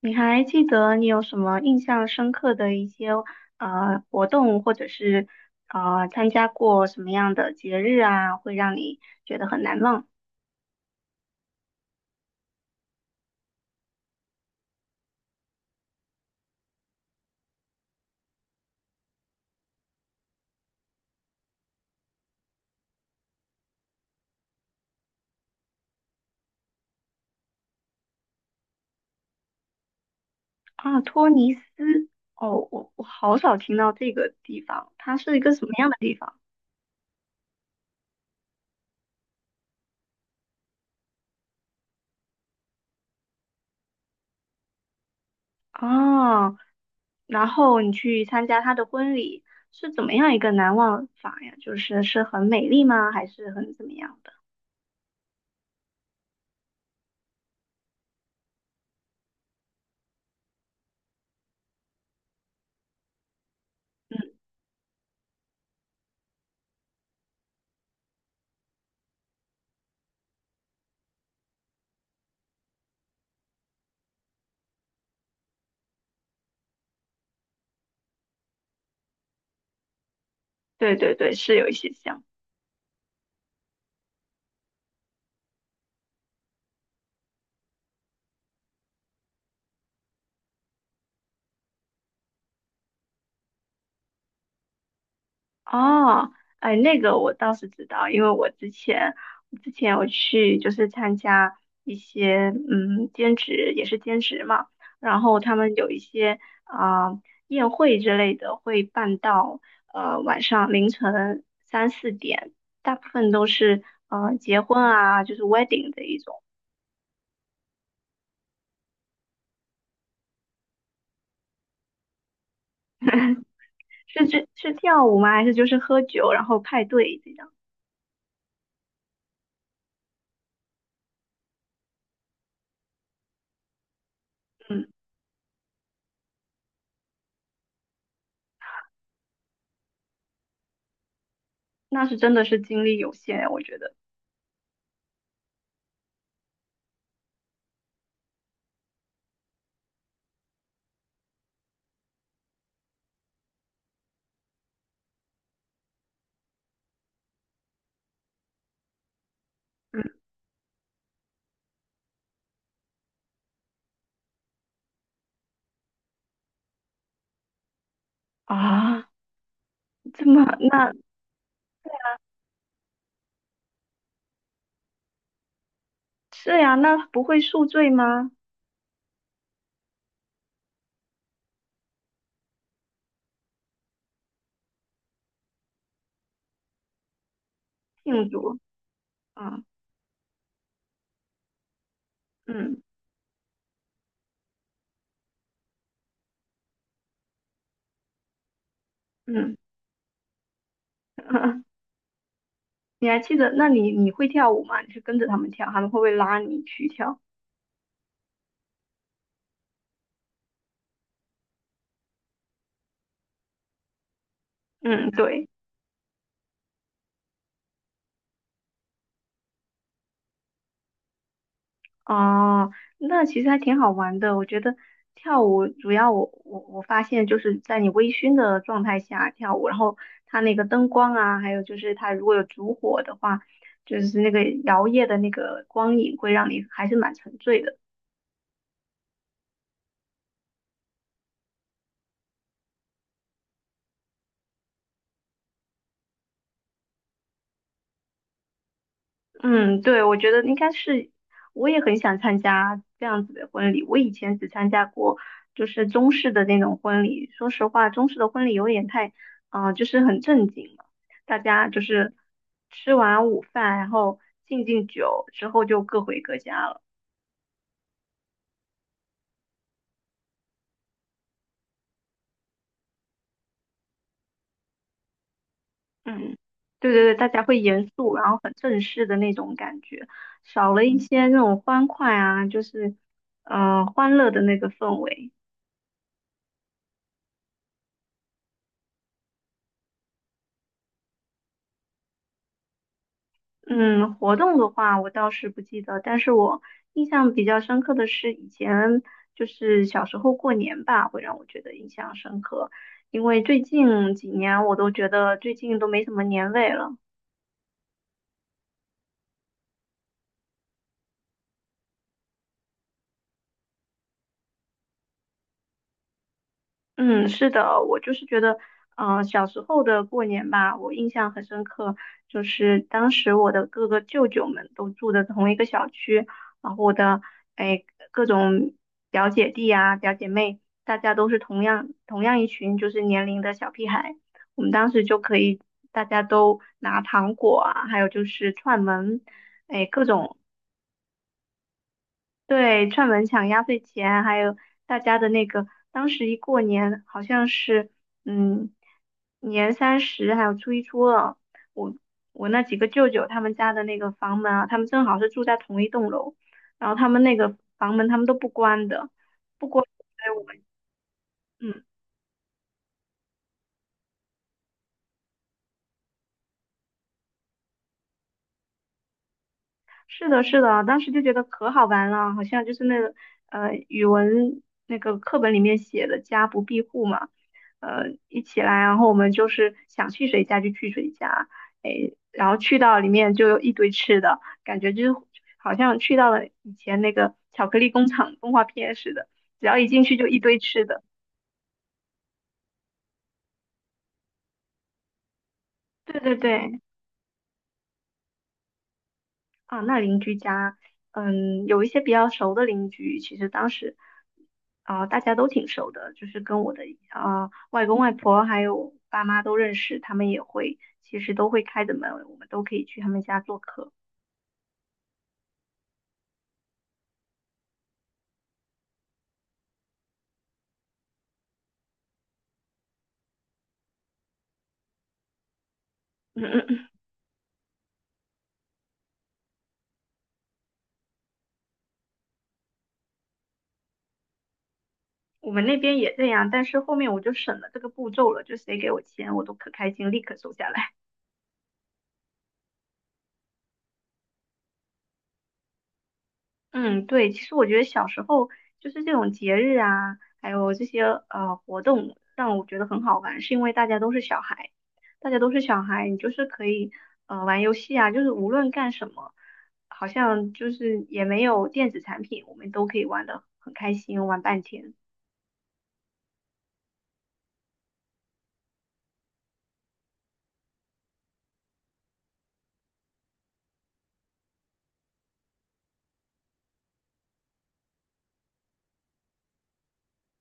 你还记得你有什么印象深刻的一些活动，或者是参加过什么样的节日啊，会让你觉得很难忘啊？托尼斯，哦，我好少听到这个地方，它是一个什么样的地方啊？然后你去参加他的婚礼，是怎么样一个难忘法呀？就是是很美丽吗？还是很怎么样的？嗯，对对对，是有一些像。哦，哎，那个我倒是知道，因为我之前我去就是参加一些兼职，也是兼职嘛，然后他们有一些啊、宴会之类的会办到晚上凌晨三四点，大部分都是结婚啊，就是 wedding 的一种，是这是跳舞吗？还是就是喝酒然后派对这样？嗯，那是真的是精力有限，我觉得。嗯。啊，这么那是呀，那不会宿醉吗？庆祝啊，嗯嗯，你还记得？那你会跳舞吗？你是跟着他们跳，他们会不会拉你去跳？嗯，对，哦，那其实还挺好玩的。我觉得跳舞主要我发现就是在你微醺的状态下跳舞，然后它那个灯光啊，还有就是它如果有烛火的话，就是那个摇曳的那个光影会让你还是蛮沉醉的。嗯，对，我觉得应该是，我也很想参加这样子的婚礼。我以前只参加过就是中式的那种婚礼，说实话，中式的婚礼有点太，啊，就是很正经了，大家就是吃完午饭，然后敬敬酒之后就各回各家了。嗯，对对对，大家会严肃，然后很正式的那种感觉，少了一些那种欢快啊，就是，嗯、欢乐的那个氛围。嗯，活动的话我倒是不记得，但是我印象比较深刻的是以前就是小时候过年吧，会让我觉得印象深刻，因为最近几年我都觉得最近都没什么年味了。嗯，是的，我就是觉得，嗯、小时候的过年吧，我印象很深刻，就是当时我的各个舅舅们都住的同一个小区，然后我的哎各种表姐弟啊、表姐妹，大家都是同样一群就是年龄的小屁孩，我们当时就可以大家都拿糖果啊，还有就是串门，哎各种。对，串门抢压岁钱，还有大家的那个，当时一过年好像是，嗯，年三十还有初一初二，我我那几个舅舅他们家的那个房门啊，他们正好是住在同一栋楼，然后他们那个房门他们都不关的，不关，所以我们嗯。是的，是的，当时就觉得可好玩了，好像就是那个语文那个课本里面写的“家不闭户”嘛，一起来，然后我们就是想去谁家就去谁家，哎，然后去到里面就有一堆吃的，感觉就是好像去到了以前那个巧克力工厂动画片似的，只要一进去就一堆吃的。对对对。啊，那邻居家，嗯，有一些比较熟的邻居，其实当时，啊、大家都挺熟的，就是跟我的啊、外公外婆还有爸妈都认识，他们也会，其实都会开着门，我们都可以去他们家做客。嗯嗯嗯，我们那边也这样，但是后面我就省了这个步骤了，就谁给我钱，我都可开心，立刻收下来。嗯，对，其实我觉得小时候就是这种节日啊，还有这些活动，让我觉得很好玩，是因为大家都是小孩，大家都是小孩，你就是可以玩游戏啊，就是无论干什么，好像就是也没有电子产品，我们都可以玩的很开心，玩半天。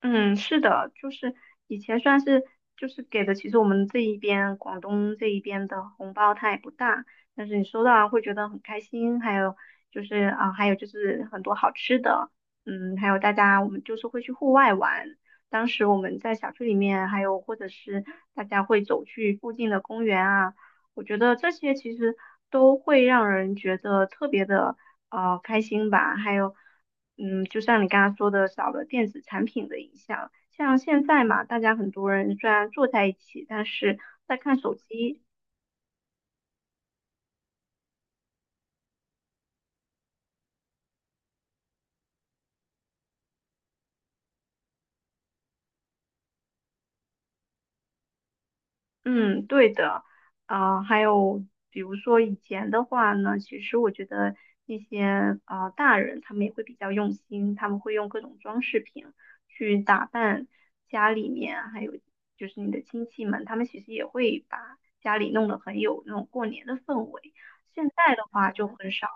嗯，是的，就是以前算是就是给的，其实我们这一边广东这一边的红包它也不大，但是你收到啊会觉得很开心，还有就是啊，还有就是很多好吃的，嗯，还有大家我们就是会去户外玩，当时我们在小区里面，还有或者是大家会走去附近的公园啊。我觉得这些其实都会让人觉得特别的开心吧。还有，嗯，就像你刚刚说的，少了电子产品的影响。像现在嘛，大家很多人虽然坐在一起，但是在看手机，嗯，对的，啊、还有比如说以前的话呢，其实我觉得一些啊、大人他们也会比较用心，他们会用各种装饰品去打扮家里面，还有就是你的亲戚们，他们其实也会把家里弄得很有那种过年的氛围。现在的话就很少，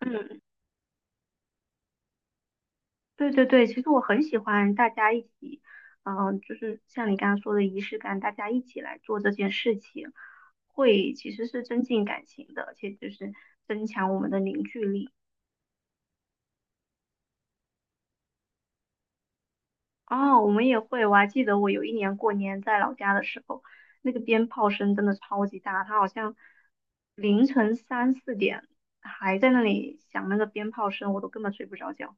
嗯，对对对，其实我很喜欢大家一起，嗯、就是像你刚刚说的仪式感，大家一起来做这件事情。会其实是增进感情的，而且就是增强我们的凝聚力。哦，我们也会，我还记得我有一年过年在老家的时候，那个鞭炮声真的超级大，它好像凌晨三四点还在那里响那个鞭炮声，我都根本睡不着觉。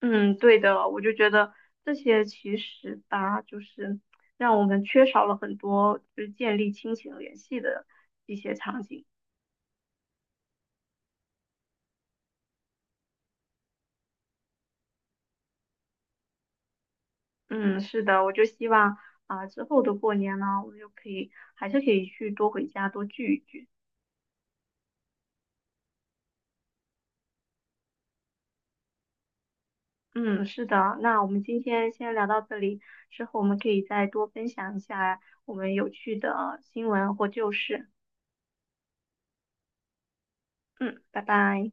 嗯，对的，我就觉得这些其实吧，就是让我们缺少了很多就是建立亲情联系的一些场景。嗯，是的，我就希望啊、之后的过年呢，我们就可以还是可以去多回家多聚一聚。嗯，是的，那我们今天先聊到这里，之后我们可以再多分享一下我们有趣的新闻或旧事。嗯，拜拜。